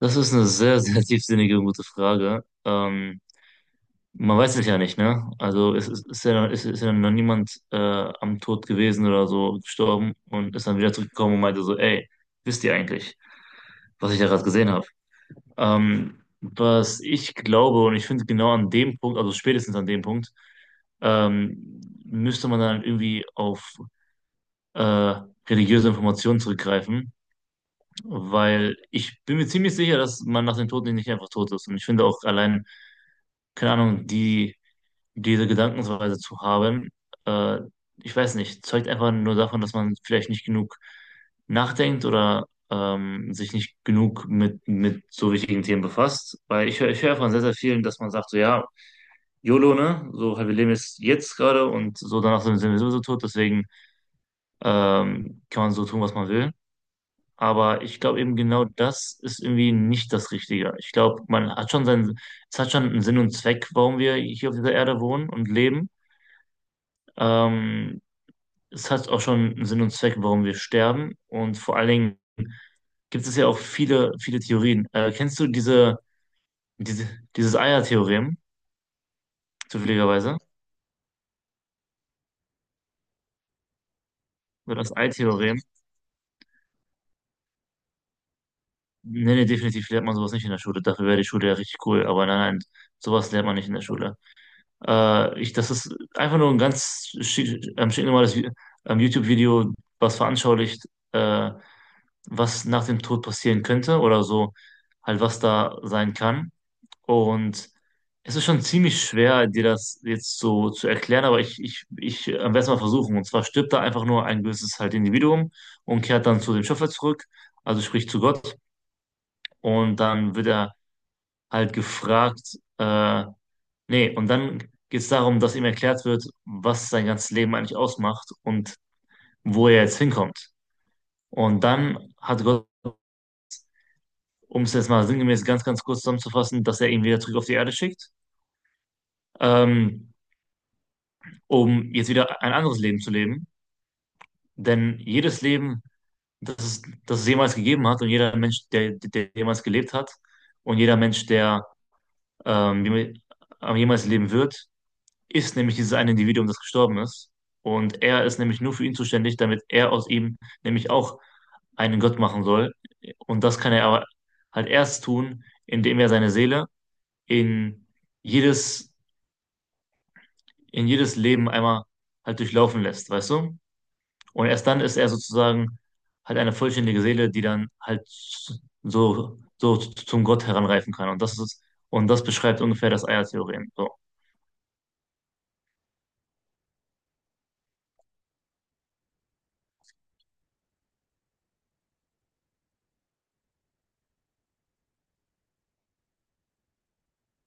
Das ist eine sehr, sehr tiefsinnige und gute Frage. Man weiß es ja nicht, ne? Also es ist ja noch niemand am Tod gewesen oder so gestorben und ist dann wieder zurückgekommen und meinte so, ey, wisst ihr eigentlich, was ich da gerade gesehen habe? Was ich glaube und ich finde genau an dem Punkt, also spätestens an dem Punkt, müsste man dann irgendwie auf äh, religiöse Informationen zurückgreifen, weil ich bin mir ziemlich sicher, dass man nach dem Tod nicht einfach tot ist. Und ich finde auch allein, keine Ahnung, diese Gedankensweise zu haben, äh, ich weiß nicht, zeugt einfach nur davon, dass man vielleicht nicht genug nachdenkt oder sich nicht genug mit so wichtigen Themen befasst. Weil ich höre von sehr, sehr vielen, dass man sagt, so ja, YOLO, ne? So, halt, wir leben jetzt, jetzt gerade und so danach sind wir sowieso tot, deswegen kann man so tun, was man will. Aber ich glaube eben genau das ist irgendwie nicht das Richtige. Ich glaube, man hat schon seinen, es hat schon einen Sinn und Zweck, warum wir hier auf dieser Erde wohnen und leben. Ähm, Es hat auch schon einen Sinn und Zweck, warum wir sterben. Und vor allen Dingen gibt es ja auch viele, viele Theorien. Kennst du diese, dieses Eier-Theorem, zufälligerweise? Oder das Ei-Theorem? Nee, nee, definitiv lernt man sowas nicht in der Schule. Dafür wäre die Schule ja richtig cool. Aber nein, nein, sowas lernt man nicht in der Schule. Das ist einfach nur ein stinknormales YouTube-Video, was veranschaulicht, äh, was nach dem Tod passieren könnte oder so, halt was da sein kann. Und es ist schon ziemlich schwer, dir das jetzt so zu erklären, aber ich werde es mal versuchen. Und zwar stirbt da einfach nur ein gewisses halt Individuum und kehrt dann zu dem Schöpfer zurück, also sprich zu Gott. Und dann wird er halt gefragt, und dann geht es darum, dass ihm erklärt wird, was sein ganzes Leben eigentlich ausmacht und wo er jetzt hinkommt. Und dann hat Gott, um es jetzt mal sinngemäß ganz, ganz kurz zusammenzufassen, dass er ihn wieder zurück auf die Erde schickt, ähm, um jetzt wieder ein anderes Leben zu leben. Denn jedes Leben, das es jemals gegeben hat und jeder Mensch, der jemals gelebt hat und jeder Mensch, der ähm, jemals jemals leben wird, ist nämlich dieses eine Individuum, das gestorben ist. Und er ist nämlich nur für ihn zuständig, damit er aus ihm nämlich auch einen Gott machen soll. Und das kann er aber halt erst tun, indem er seine Seele in jedes, in jedes Leben einmal halt durchlaufen lässt, weißt du? Und erst dann ist er sozusagen halt eine vollständige Seele, die dann halt so zum Gott heranreifen kann. Und das beschreibt ungefähr das Eiertheorem. So.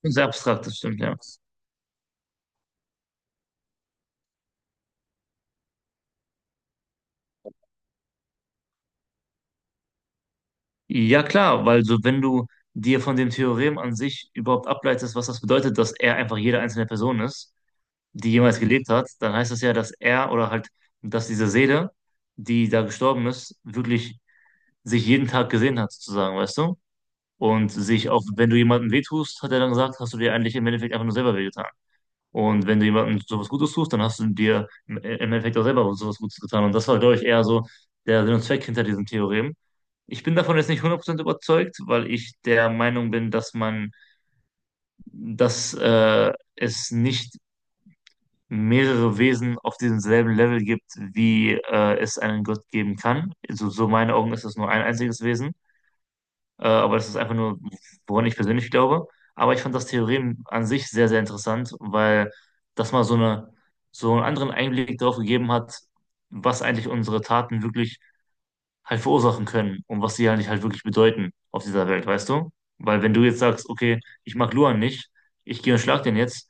Sehr abstrakt, das stimmt, ja. Ja, klar, weil so, wenn du dir von dem Theorem an sich überhaupt ableitest, was das bedeutet, dass er einfach jede einzelne Person ist, die jemals gelebt hat, dann heißt das ja, dass er oder halt, dass diese Seele, die da gestorben ist, wirklich sich jeden Tag gesehen hat, sozusagen, weißt du? Und sich auch, wenn du jemandem wehtust, hat er dann gesagt, hast du dir eigentlich im Endeffekt einfach nur selber wehgetan. Und wenn du jemandem sowas Gutes tust, dann hast du dir im Endeffekt auch selber sowas Gutes getan. Und das war, glaube ich, eher so der Sinn und Zweck hinter diesem Theorem. Ich bin davon jetzt nicht 100% überzeugt, weil ich der Meinung bin, dass es nicht mehrere Wesen auf diesem selben Level gibt, wie es einen Gott geben kann. Also so meinen Augen ist es nur ein einziges Wesen. Aber das ist einfach nur, woran ich persönlich glaube. Aber ich fand das Theorem an sich sehr, sehr interessant, weil das mal so einen anderen Einblick darauf gegeben hat, was eigentlich unsere Taten wirklich halt verursachen können und was sie eigentlich halt wirklich bedeuten auf dieser Welt, weißt du? Weil wenn du jetzt sagst, okay, ich mag Luan nicht, ich gehe und schlag den jetzt,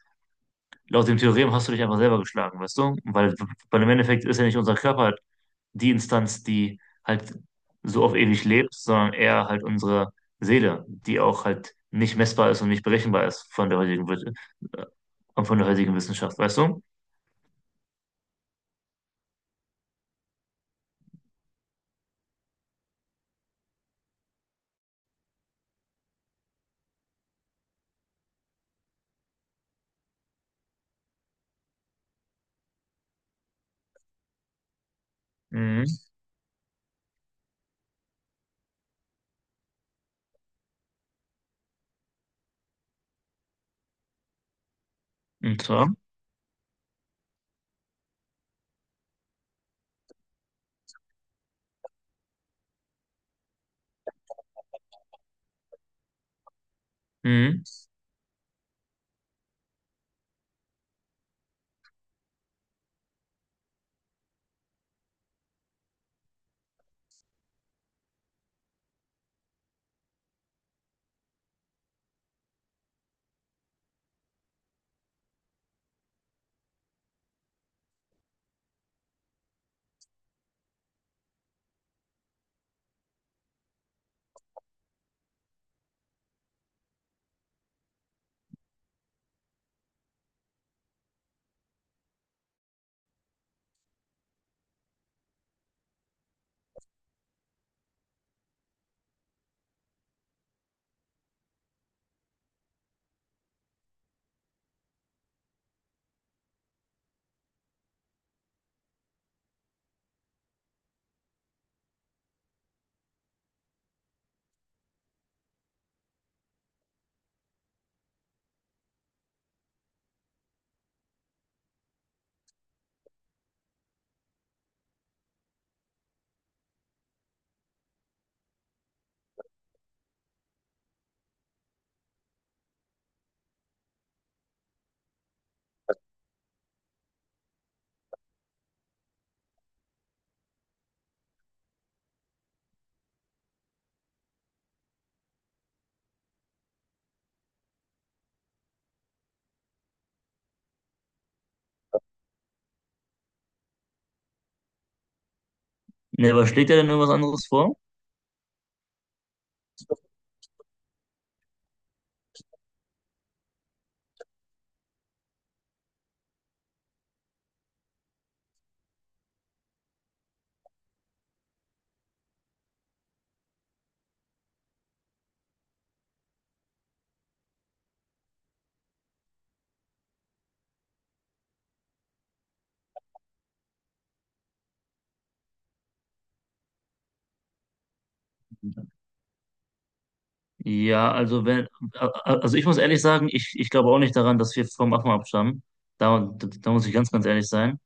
laut dem Theorem hast du dich einfach selber geschlagen, weißt du? Weil im Endeffekt ist ja nicht unser Körper die Instanz, die halt so auf ewig lebt, sondern eher halt unsere Seele, die auch halt nicht messbar ist und nicht berechenbar ist von der von der heutigen Wissenschaft, weißt du? Mhm. Und zwar, mhm. Ne, aber schlägt er denn irgendwas anderes vor? Ja, also wenn, a- a- Also ich muss ehrlich sagen, ich glaube auch nicht daran, dass wir vom Affen abstammen. Da muss ich ganz, ganz ehrlich sein.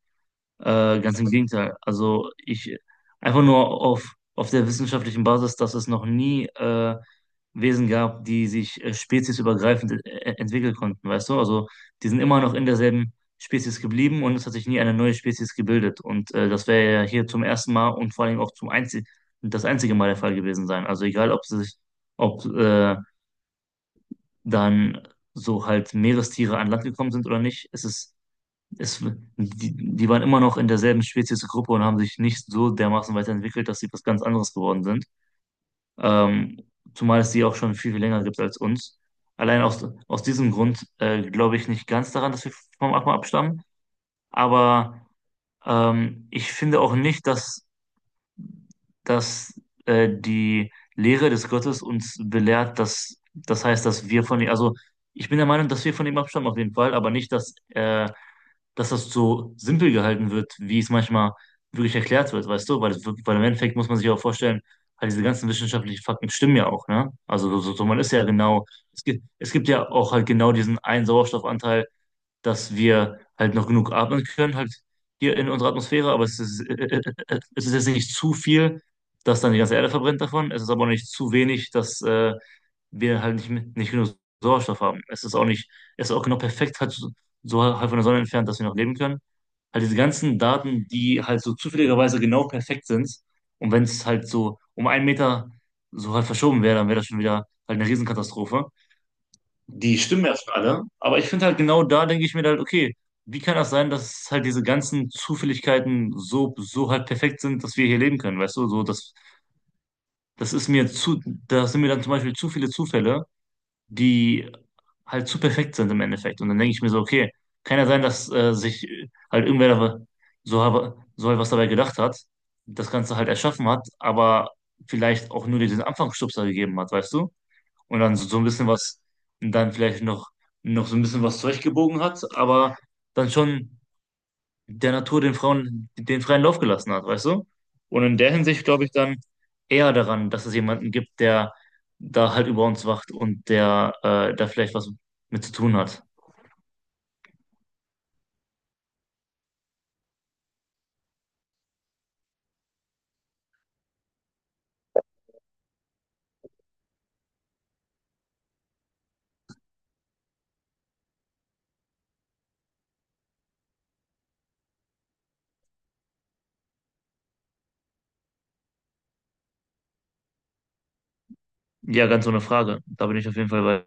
Ganz im Gegenteil. Also ich einfach nur auf der wissenschaftlichen Basis, dass es noch nie Wesen gab, die sich speziesübergreifend entwickeln konnten, weißt du? Also die sind immer noch in derselben Spezies geblieben und es hat sich nie eine neue Spezies gebildet. Und das wäre ja hier zum ersten Mal und vor allem auch zum einzig das einzige Mal der Fall gewesen sein. Also egal, ob sie sich, ob dann so halt Meerestiere an Land gekommen sind oder nicht, es ist es, die, die waren immer noch in derselben Speziesgruppe und haben sich nicht so dermaßen weiterentwickelt, dass sie was ganz anderes geworden sind. Ähm, zumal es die auch schon viel, viel länger gibt als uns. Allein aus diesem Grund glaube ich nicht ganz daran, dass wir vom Aqua abstammen. Aber ich finde auch nicht, dass, dass die Lehre des Gottes uns belehrt, dass das heißt, dass wir von ihm, also ich bin der Meinung, dass wir von ihm abstammen auf jeden Fall, aber nicht, dass dass das so simpel gehalten wird, wie es manchmal wirklich erklärt wird, weißt du? Weil im Endeffekt muss man sich auch vorstellen, halt diese ganzen wissenschaftlichen Fakten stimmen ja auch, ne? Also man ist ja genau, es gibt ja auch halt genau diesen einen Sauerstoffanteil, dass wir halt noch genug atmen können, halt hier in unserer Atmosphäre, aber es ist jetzt nicht zu viel, dass dann die ganze Erde verbrennt davon. Es ist aber auch nicht zu wenig, dass wir halt nicht genug Sauerstoff haben. Es ist auch nicht, es ist auch genau perfekt halt so halt von der Sonne entfernt, dass wir noch leben können. Halt diese ganzen Daten, die halt so zufälligerweise genau perfekt sind. Und wenn es halt so um einen Meter so halt verschoben wäre, dann wäre das schon wieder halt eine Riesenkatastrophe, die stimmen erstmal alle, aber ich finde halt genau da denke ich mir halt, okay, wie kann das sein, dass halt diese ganzen Zufälligkeiten so halt perfekt sind, dass wir hier leben können, weißt du? Das ist mir zu, das sind mir dann zum Beispiel zu viele Zufälle, die halt zu perfekt sind im Endeffekt. Und dann denke ich mir so, okay, kann ja sein, dass sich halt irgendwer da so halt was dabei gedacht hat, das Ganze halt erschaffen hat, aber vielleicht auch nur diesen Anfangsstupser gegeben hat, weißt du? Und dann so ein bisschen was, und dann vielleicht noch, noch so ein bisschen was zurechtgebogen hat, aber dann schon der Natur den Frauen den freien Lauf gelassen hat, weißt du? Und in der Hinsicht glaube ich dann eher daran, dass es jemanden gibt, der da halt über uns wacht und der da vielleicht was mit zu tun hat. Ja, ganz ohne Frage. Da bin ich auf jeden Fall bei.